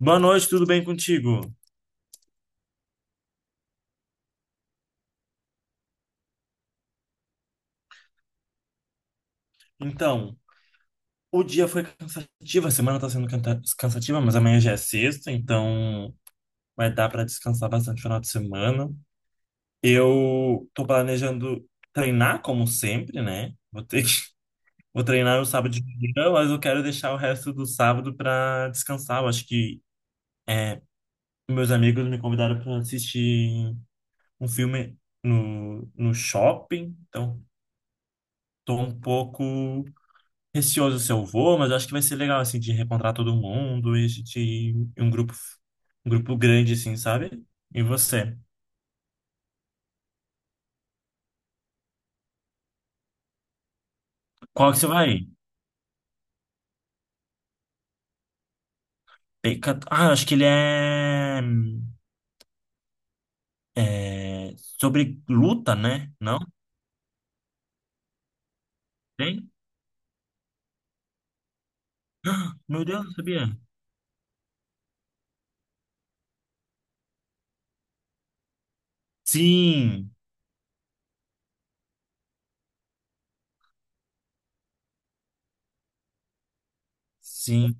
Boa noite, tudo bem contigo? Então, o dia foi cansativo, a semana tá sendo cansativa, mas amanhã já é sexta, então vai dar para descansar bastante no final de semana. Eu tô planejando treinar, como sempre, né? Vou ter que. Vou treinar no sábado de manhã, mas eu quero deixar o resto do sábado para descansar. Eu acho que é, meus amigos me convidaram para assistir um filme no shopping, então tô um pouco receoso se eu vou, mas eu acho que vai ser legal, assim, de reencontrar todo mundo e a gente ir em um grupo grande, assim, sabe? E você? Qual que você vai? Ah, acho que ele sobre luta, né? Não? Tem? Meu Deus, não sabia. Sim, sim.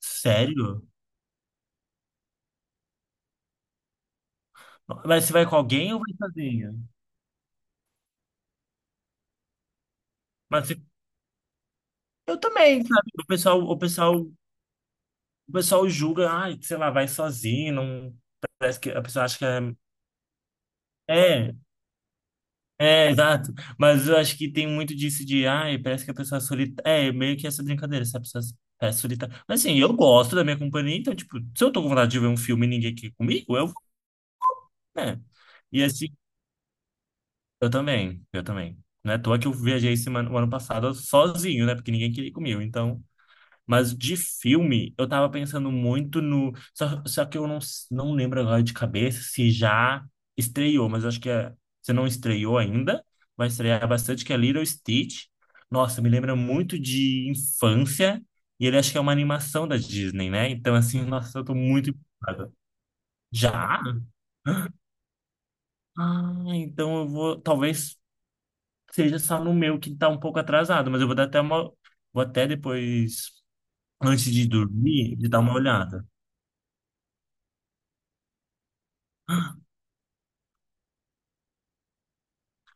Sério? Mas você vai com alguém ou vai sozinho? Mas você tem, sabe? O pessoal julga, ai, sei lá, vai sozinho, não. Parece que a pessoa acha que é. É, é, exato. Mas eu acho que tem muito disso de, ai, parece que a pessoa é solitária. É, meio que essa brincadeira, essa pessoa parece solitária. Mas assim, eu gosto da minha companhia, então, tipo, se eu tô com vontade de ver um filme e ninguém aqui comigo, eu vou, né? E assim, eu também, eu também. Não é à toa que eu viajei semana, o ano passado sozinho, né? Porque ninguém queria ir comigo. Então, mas de filme, eu tava pensando muito no. Só que eu não, não lembro agora de cabeça se já estreou, mas acho que. Se não estreou ainda, vai estrear bastante, que é Little Stitch. Nossa, me lembra muito de infância, e ele acho que é uma animação da Disney, né? Então, assim, nossa, eu tô muito empolgado. Já? Ah, então eu vou. Talvez seja só no meu que tá um pouco atrasado, mas eu vou dar até uma. Vou até depois, antes de dormir, de dar uma olhada.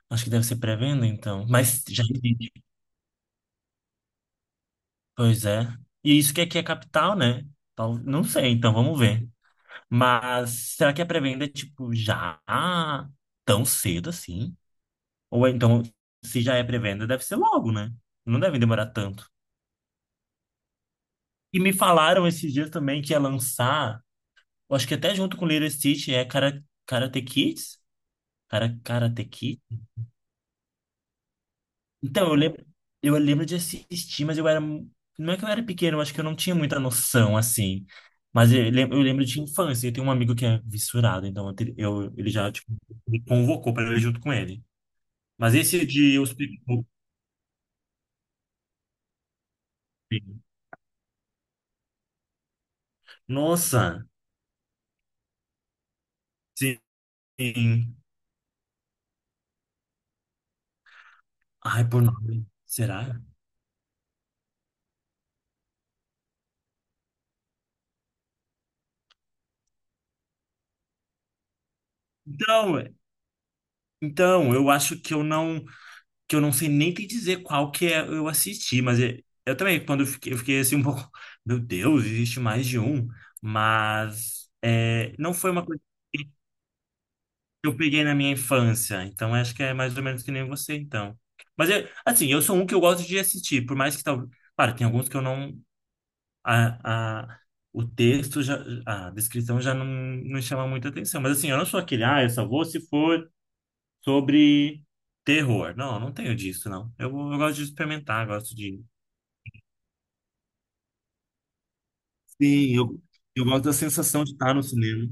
Acho que deve ser pré-venda, então. Mas já existe. Pois é. E isso que aqui é capital, né? Não sei, então vamos ver. Mas será que a pré-venda é tipo já tão cedo assim? Ou é, então, se já é pré-venda, deve ser logo, né? Não deve demorar tanto. E me falaram esses dias também que ia lançar, eu acho que até junto com Little Stitch, é Karate Kids? Karate Kids? Então, eu lembro, de assistir, mas eu era. Não é que eu era pequeno, eu acho que eu não tinha muita noção, assim. Mas eu lembro de infância. Eu tenho um amigo que é vissurado, então ele já tipo, me convocou para eu ir junto com ele. Mas esse de Os Pitbull. Nossa! Sim. Ai, por nome. Será? Então, então, eu acho que eu não. Que eu não sei nem te dizer qual que é, eu assisti, mas eu também, quando eu fiquei, assim um pouco, meu Deus, existe mais de um, mas não foi uma coisa que eu peguei na minha infância, então acho que é mais ou menos que nem você, então. Mas, assim, eu sou um que eu gosto de assistir, por mais que talvez, claro, tem alguns que eu não, a, a, o texto, já, a descrição já não chama muita atenção, mas assim, eu não sou aquele, ah, eu só vou se for sobre terror. Não, não tenho disso, não. Eu gosto de experimentar, gosto de. Sim, eu gosto da sensação de estar no cinema.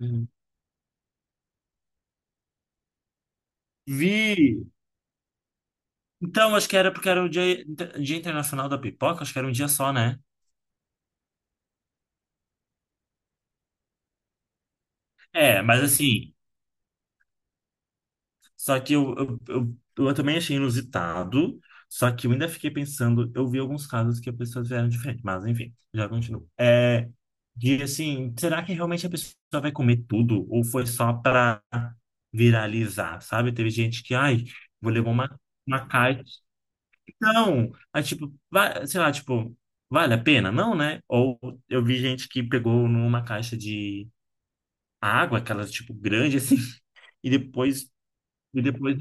Uhum. Vi! Então, acho que era porque era o dia, Dia Internacional da Pipoca, acho que era um dia só, né? É, mas assim. Só que eu também achei inusitado, só que eu ainda fiquei pensando, eu vi alguns casos que as pessoas vieram diferente, mas enfim, já continuo. É, de assim, será que realmente a pessoa vai comer tudo? Ou foi só para viralizar, sabe? Teve gente que, ai, vou levar uma caixa. Não! Aí, tipo, vai, sei lá, tipo, vale a pena? Não, né? Ou eu vi gente que pegou numa caixa de água, aquelas, tipo, grande, assim, e depois, e depois,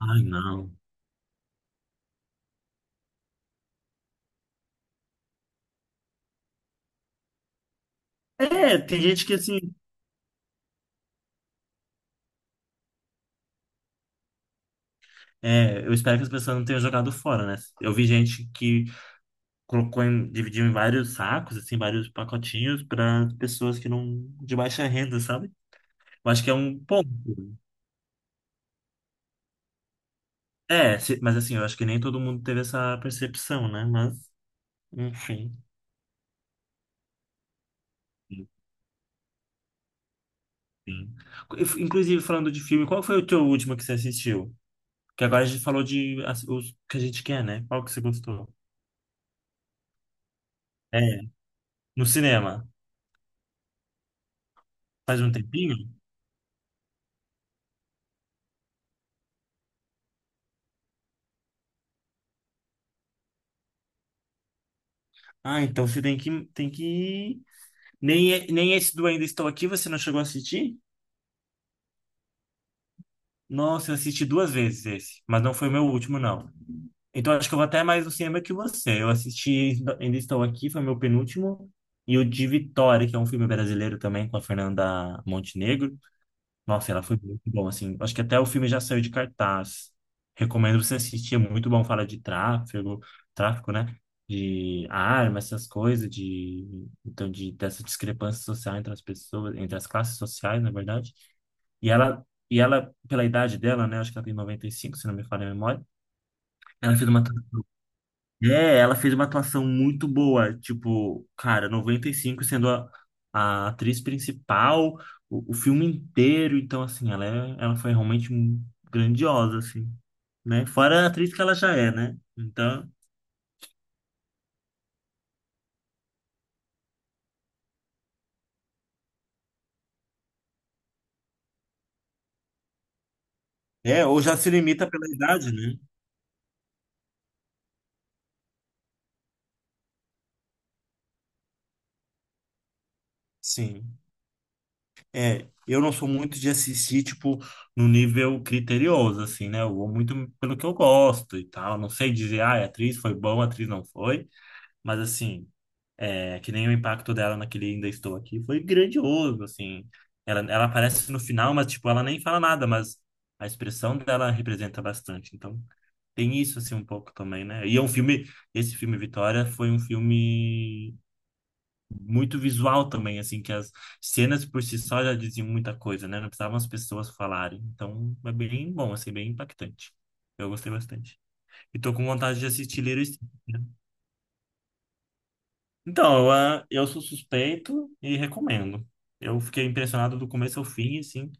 ai, não. É, tem gente que assim. É, eu espero que as pessoas não tenham jogado fora, né? Eu vi gente que colocou em, dividiu em vários sacos, assim, vários pacotinhos para pessoas que não, de baixa renda, sabe? Eu acho que é um ponto. É, mas assim, eu acho que nem todo mundo teve essa percepção, né? Mas, enfim. enfim. Inclusive, falando de filme, qual foi o teu último que você assistiu? Que agora a gente falou de os que a gente quer, né? Qual que você gostou? É, no cinema. Faz um tempinho? Ah, então você tem que nem esse do Ainda Estou Aqui você não chegou a assistir? Nossa, eu assisti duas vezes esse, mas não foi o meu último, não. Então acho que eu vou até mais no cinema que você. Eu assisti Ainda Estou Aqui, foi meu penúltimo, e o de Vitória, que é um filme brasileiro também com a Fernanda Montenegro. Nossa, ela foi muito bom, assim. Acho que até o filme já saiu de cartaz. Recomendo você assistir, é muito bom. Fala de tráfego, tráfico, né? De armas, essas coisas, de então de dessa discrepância social entre as pessoas, entre as classes sociais, na verdade. E ela, pela idade dela, né? Acho que ela tem 95 se não me falha a memória. Ela fez uma ela fez uma atuação muito boa, tipo, cara, 95 sendo a atriz principal, o filme inteiro, então assim, ela foi realmente grandiosa, assim, né? Fora a atriz que ela já é, né? Então, ou já se limita pela idade, né? Sim. É, eu não sou muito de assistir, tipo, no nível criterioso, assim, né? Eu vou muito pelo que eu gosto e tal, não sei dizer, ah, a atriz foi boa, a atriz não foi, mas assim, é, que nem o impacto dela naquele Ainda Estou Aqui foi grandioso, assim. Ela aparece no final, mas, tipo, ela nem fala nada, mas a expressão dela representa bastante. Então, tem isso, assim, um pouco também, né? E é um filme, esse filme Vitória foi um filme muito visual também, assim, que as cenas por si só já diziam muita coisa, né? Não precisavam as pessoas falarem. Então, é bem bom, assim, bem impactante. Eu gostei bastante. E tô com vontade de assistir Little Steve. Então, eu sou suspeito e recomendo. Eu fiquei impressionado do começo ao fim, assim,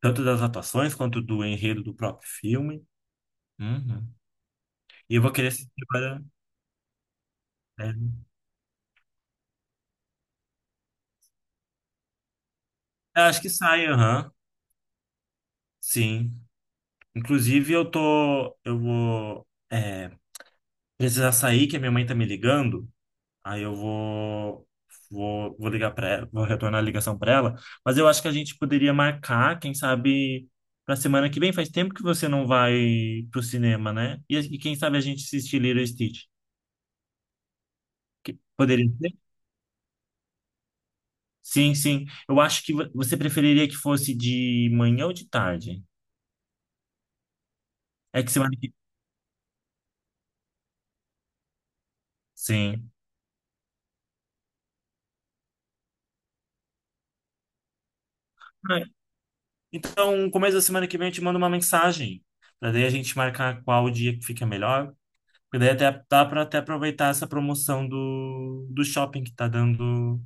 tanto das atuações quanto do enredo do próprio filme. Uhum. E eu vou querer assistir agora. Né? Eu acho que sai, aham, sim. Inclusive, eu vou precisar sair, que a minha mãe tá me ligando. Aí eu vou vou ligar para ela, vou retornar a ligação para ela, mas eu acho que a gente poderia marcar, quem sabe, para semana que vem. Faz tempo que você não vai pro cinema, né? E quem sabe a gente assistir Lilo e Stitch. Poderia ser? Sim, sim. Eu acho que você preferiria que fosse de manhã ou de tarde? É que semana que. Sim. Ah. Então, começo da semana que vem eu te mando uma mensagem, para daí a gente marcar qual dia que fica melhor. Porque daí até, dá para até aproveitar essa promoção do shopping que tá dando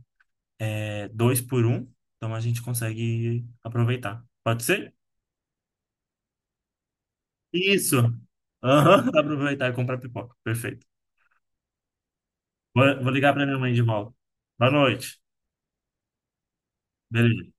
2 por 1. Então a gente consegue aproveitar. Pode ser? Isso! Aham, dá pra aproveitar e comprar pipoca. Perfeito. Vou ligar pra minha mãe de volta. Boa noite. Beleza.